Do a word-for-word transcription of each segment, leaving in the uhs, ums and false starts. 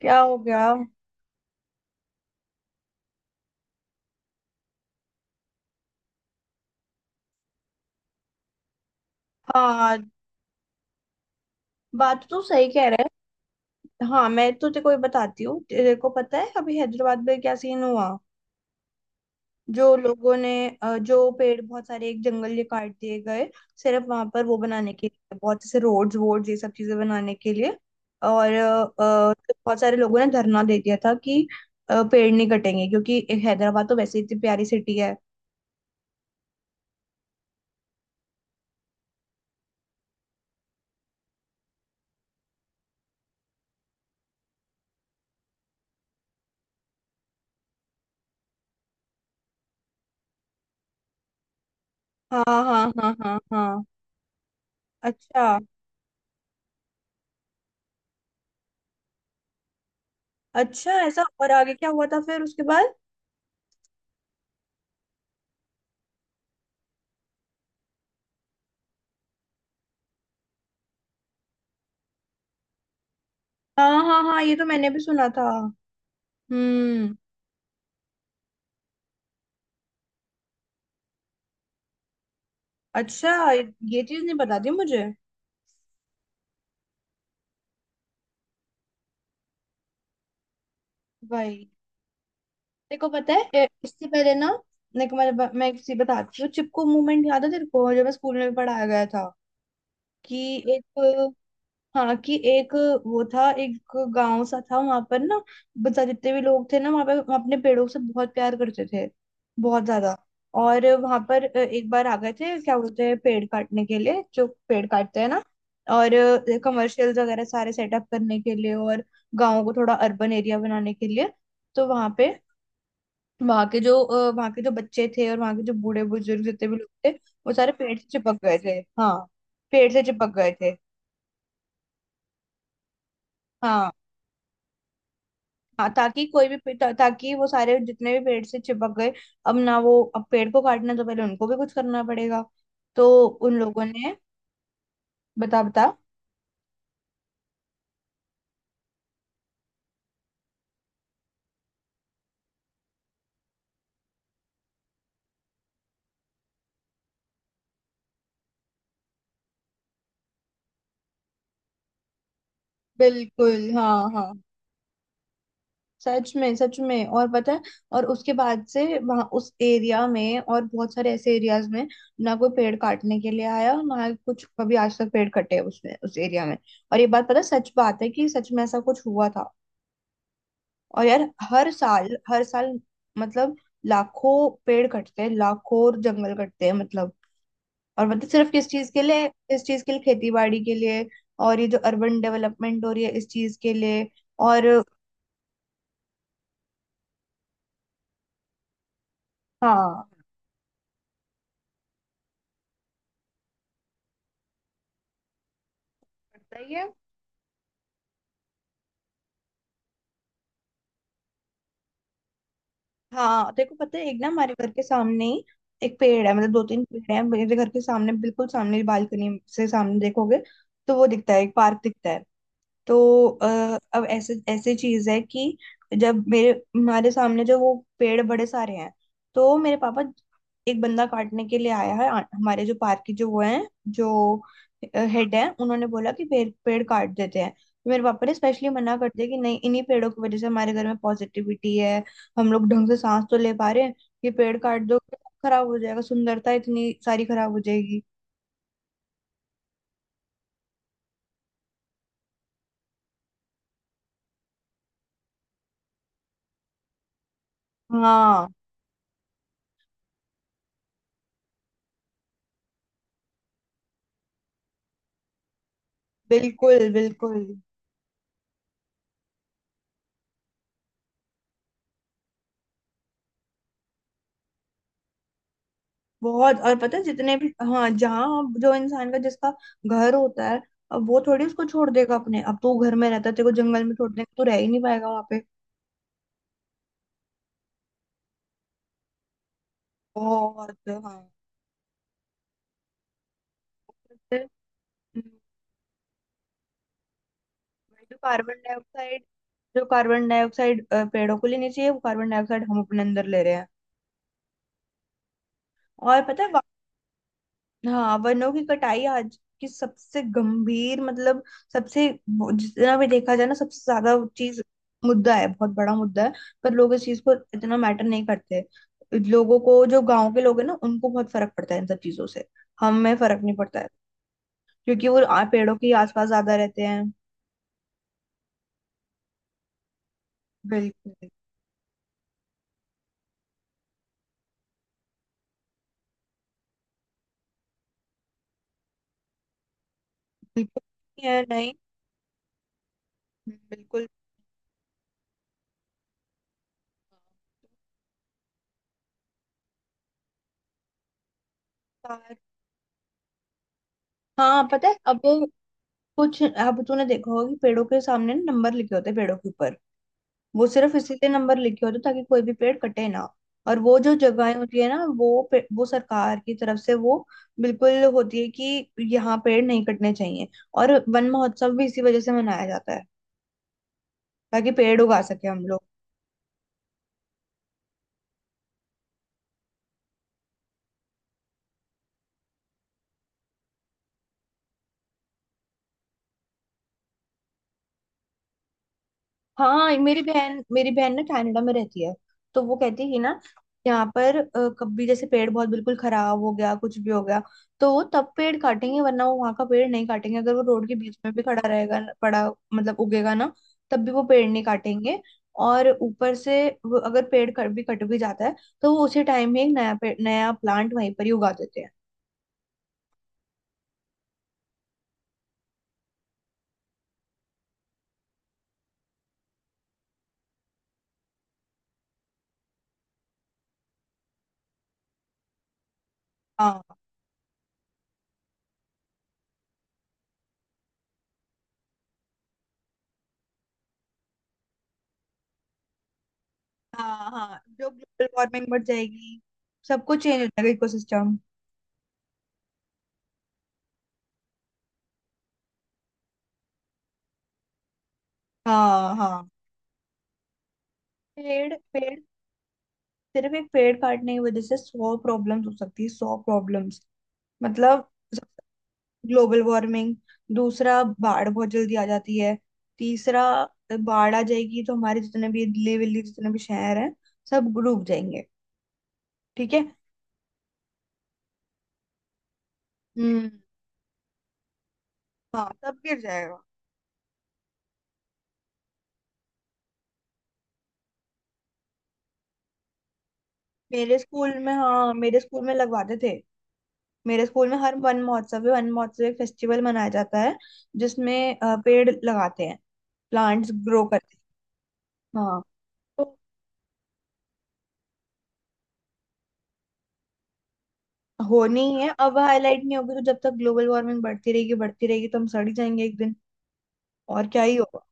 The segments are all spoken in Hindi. क्या हो गया। हाँ, बात तो सही कह रहे है। हाँ, मैं तो तेरे को ये बताती हूँ। तेरे को पता है अभी हैदराबाद में क्या सीन हुआ। जो लोगों ने अ, जो पेड़ बहुत सारे एक जंगल ये काट दिए गए, सिर्फ वहां पर वो बनाने के लिए, बहुत से रोड्स वोड्स ये सब चीजें बनाने के लिए। और अ, अ, बहुत सारे लोगों ने धरना दे दिया था कि अ, पेड़ नहीं कटेंगे, क्योंकि एक हैदराबाद तो वैसे ही इतनी प्यारी सिटी है। हाँ, हाँ, हाँ, हाँ, हाँ। अच्छा। अच्छा ऐसा, और आगे क्या हुआ था फिर उसके बाद। हाँ, हाँ, हाँ, ये तो मैंने भी सुना था। हम्म। अच्छा, ये चीज नहीं बता दी मुझे। वही, तेरे को पता है ए, इससे पहले ना मेरे को, मैं, मैं एक चीज बताती हूँ। चिपको मूवमेंट याद है तेरे को, जो मैं स्कूल में भी पढ़ाया गया था, कि एक, हाँ कि एक, वो था एक गांव सा था वहां पर ना। बता, जितने भी लोग थे ना वहां पर, वो अपने पेड़ों से बहुत प्यार करते थे, बहुत ज्यादा। और वहां पर अ, एक बार आ गए थे, क्या बोलते हैं, पेड़ काटने के लिए, जो पेड़ काटते हैं ना। और कमर्शियल्स वगैरह सारे सेटअप करने के लिए, और गाँव को थोड़ा अर्बन एरिया बनाने के लिए। तो वहां पे, वहां के जो अ, वहां के जो बच्चे थे और वहां के जो बूढ़े बुजुर्ग जितने भी लोग थे, वो सारे पेड़ से चिपक गए थे। हाँ, पेड़ से चिपक गए थे। हाँ, हाँ, ताकि कोई भी पे- ता, ताकि वो सारे जितने भी पेड़ से चिपक गए, अब ना, वो अब पेड़ को काटना, तो पहले उनको भी कुछ करना पड़ेगा। तो उन लोगों ने। बता बता। बिल्कुल। हाँ, हाँ, सच में, सच में, और पता है और उसके बाद से वहां उस एरिया में और बहुत सारे ऐसे एरियाज में ना कोई पेड़ काटने के लिए आया, ना ही कुछ कभी आज तक पेड़ कटे उसमें उस एरिया में। और ये बात पता है, सच बात है, कि सच में ऐसा कुछ हुआ था। और यार, हर साल, हर साल, मतलब लाखों पेड़ कटते हैं, लाखों, और जंगल कटते हैं मतलब। और मतलब, सिर्फ किस चीज के लिए, इस चीज के लिए, खेती बाड़ी के लिए, और ये जो अर्बन डेवलपमेंट हो रही है इस चीज के लिए। और हाँ, पता ही है। हाँ देखो, पता है, एक ना हमारे घर के सामने ही एक पेड़ है, मतलब दो तीन पेड़ है मेरे घर के सामने, बिल्कुल सामने। बालकनी से सामने देखोगे तो वो दिखता है, एक पार्क दिखता है। तो अ, अब ऐसे, ऐसी चीज है कि जब मेरे, हमारे सामने जो वो पेड़ बड़े सारे हैं, तो मेरे पापा, एक बंदा काटने के लिए आया है, आ- हमारे जो पार्क के जो वो हैं, जो हेड है, उन्होंने बोला कि पेड़ पेड़ काट देते हैं। तो मेरे पापा ने स्पेशली मना कर दिया कि नहीं, इन्हीं पेड़ों की वजह से हमारे घर में पॉजिटिविटी है। हम लोग ढंग से सांस तो ले पा रहे हैं। ये पेड़ काट दो, खराब हो जाएगा, सुंदरता इतनी सारी खराब हो जाएगी। हाँ, बिल्कुल, बिल्कुल। बहुत, और पता है जितने भी, हाँ, जहाँ जो इंसान का, जिसका घर होता है, अब वो थोड़ी उसको छोड़ देगा। अपने अब तो घर में रहता है, तेरे को जंगल में छोड़ देगा, तू रह ही नहीं पाएगा वहां पे। बहुत। हाँ फिर, हम्म, जो कार्बन डाइऑक्साइड जो कार्बन डाइऑक्साइड पेड़ों को लेनी चाहिए, वो कार्बन डाइऑक्साइड हम अपने अंदर ले रहे हैं। और पता है, हाँ, वनों की कटाई आज की सबसे गंभीर, मतलब सबसे, वो जितना भी देखा जाए ना, सबसे ज्यादा चीज, मुद्दा है, बहुत बड़ा मुद्दा है। पर लोग इस चीज को इतना मैटर नहीं करते। लोगों को, जो गांव के लोग हैं ना, उनको बहुत फर्क पड़ता है इन सब चीजों से। हमें फर्क नहीं पड़ता है, क्योंकि वो आ- पेड़ों के आसपास ज्यादा रहते हैं। बिल्कुल, बिल्कुल। है नहीं। बिल्कुल। तार- हाँ, पता है अब, कुछ, अब तूने देखा होगा कि पेड़ों के सामने ना नंबर लिखे होते हैं, पेड़ों के ऊपर। वो सिर्फ इसीलिए नंबर लिखे होते हैं ताकि कोई भी पेड़ कटे ना। और वो जो जगहें होती है ना, वो पे- वो सरकार की तरफ से वो बिल्कुल होती है कि यहाँ पेड़ नहीं कटने चाहिए। और वन महोत्सव भी इसी वजह से मनाया जाता है, ताकि पेड़ उगा सके हम लोग। हाँ, मेरी बहन मेरी बहन ना कनाडा में रहती है। तो वो कहती है कि ना, यहाँ पर अ, कभी जैसे पेड़ बहुत बिल्कुल खराब हो गया, कुछ भी हो गया, तो वो तब पेड़ काटेंगे, वरना वो वहां का पेड़ नहीं काटेंगे। अगर वो रोड के बीच में भी खड़ा रहेगा पड़ा, मतलब उगेगा ना, तब भी वो पेड़ नहीं काटेंगे। और ऊपर से वो, अगर पेड़ कट भी कट भी जाता है, तो वो उसी टाइम में एक नया पेड़, नया प्लांट वहीं पर ही उगा देते हैं। हाँ, हाँ, हाँ, जो ग्लोबल वार्मिंग बढ़ जाएगी, सब कुछ चेंज हो जाएगा, इकोसिस्टम। हाँ, हाँ, पेड़ पेड़ सिर्फ एक पेड़ काटने की वजह से सौ प्रॉब्लम्स हो सकती है, सौ प्रॉब्लम्स। मतलब, ग्लोबल वार्मिंग। दूसरा, बाढ़ बहुत जल्दी आ जाती है। तीसरा, बाढ़ आ जाएगी, तो हमारे जितने भी दिल्ली विल्ली, जितने भी शहर हैं, सब डूब जाएंगे। ठीक है। हम्म। हाँ, सब गिर जाएगा। मेरे स्कूल में, हाँ, मेरे स्कूल में लगवाते थे। मेरे स्कूल में हर वन महोत्सव है, वन महोत्सव एक फेस्टिवल मनाया जाता है, जिसमें अ, पेड़ लगाते हैं, प्लांट्स ग्रो करते हैं। हाँ, होनी ही है। अब हाईलाइट नहीं होगी तो, जब तक ग्लोबल वार्मिंग बढ़ती रहेगी, बढ़ती रहेगी, तो हम सड़ ही जाएंगे एक दिन। और क्या ही होगा।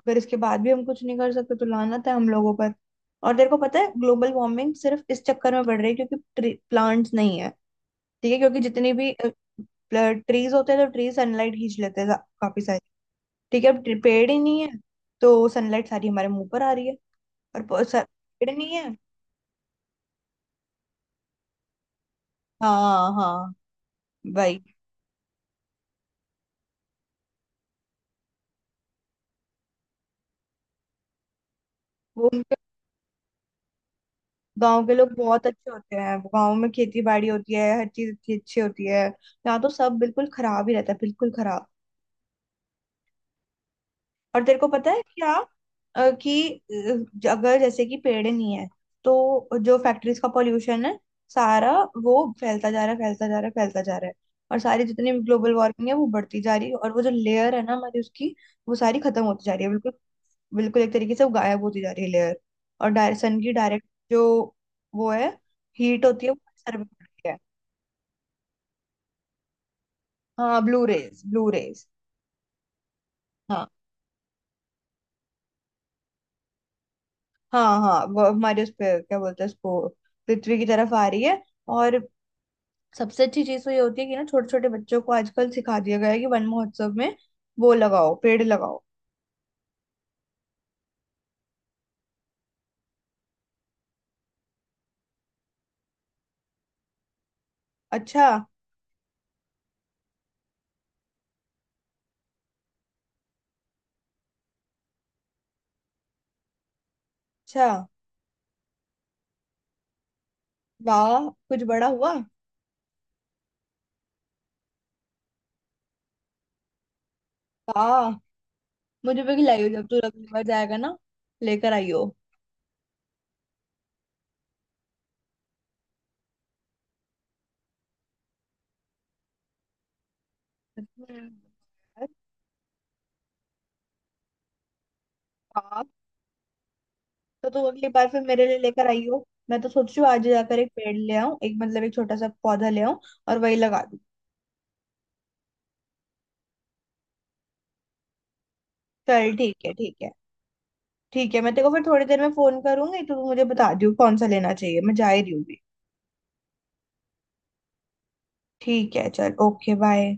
अगर इसके बाद भी हम कुछ नहीं कर सकते तो लानत है हम लोगों पर। और तेरे को पता है, ग्लोबल वार्मिंग सिर्फ इस चक्कर में बढ़ रही है क्योंकि प्लांट्स नहीं है। ठीक है, क्योंकि जितने भी ट्रीज होते हैं, तो ट्रीज सनलाइट खींच लेते हैं जा- काफी सारी। ठीक है, अब ट्री- पेड़ ही नहीं है, तो सनलाइट सारी हमारे मुंह पर आ रही है। और प- स- पेड़ नहीं है। हाँ, हाँ, भाई। वो गांव के लोग बहुत अच्छे होते हैं, गांव में खेती बाड़ी होती है, हर चीज अच्छी अच्छी होती है। यहाँ तो सब बिल्कुल खराब ही रहता है, बिल्कुल खराब। और तेरे को पता है क्या, अ, कि अ, अगर जैसे कि पेड़ नहीं है, तो जो फैक्ट्रीज का पॉल्यूशन है सारा, वो फैलता जा रहा है, फैलता जा रहा है, फैलता जा रहा है। और सारी जितनी भी ग्लोबल वार्मिंग है वो बढ़ती जा रही है। और वो जो लेयर है ना हमारी, उसकी, वो सारी खत्म होती जा रही है बिल्कुल। बिल्कुल एक तरीके से वो गायब होती जा रही है, लेयर। और डाय, सन की डायरेक्ट जो वो है, हीट होती है, वो सर पे पड़ती है। हाँ, ब्लू रेज, ब्लू रेज। हाँ, हाँ, हाँ, वो हमारे उस पे क्या बोलते हैं उसको, पृथ्वी की तरफ आ रही है। और सबसे अच्छी चीज तो ये होती है कि ना, छोटे छोटे बच्चों को आजकल सिखा दिया गया है कि वन महोत्सव में वो लगाओ, पेड़ लगाओ। अच्छा। अच्छा, वाह, कुछ बड़ा हुआ। वाह, मुझे भी खिलाइयो जब तू अगली बार जाएगा ना, लेकर आइयो। हम्म। वाह, तो तू अगली बार फिर मेरे लिए लेकर आई हो। मैं तो सोच रही हूँ आज ही जाकर एक पेड़ ले आऊं, एक मतलब एक छोटा सा पौधा ले आऊं, और वही लगा दूं। चल ठीक है, ठीक है। ठीक है, मैं तेरे को फिर थोड़ी देर में फोन करूंगी, तो तू मुझे बता दियो कौन सा लेना चाहिए, मैं जा ही रही हूँ भी। ठीक है, चल, ओके बाय।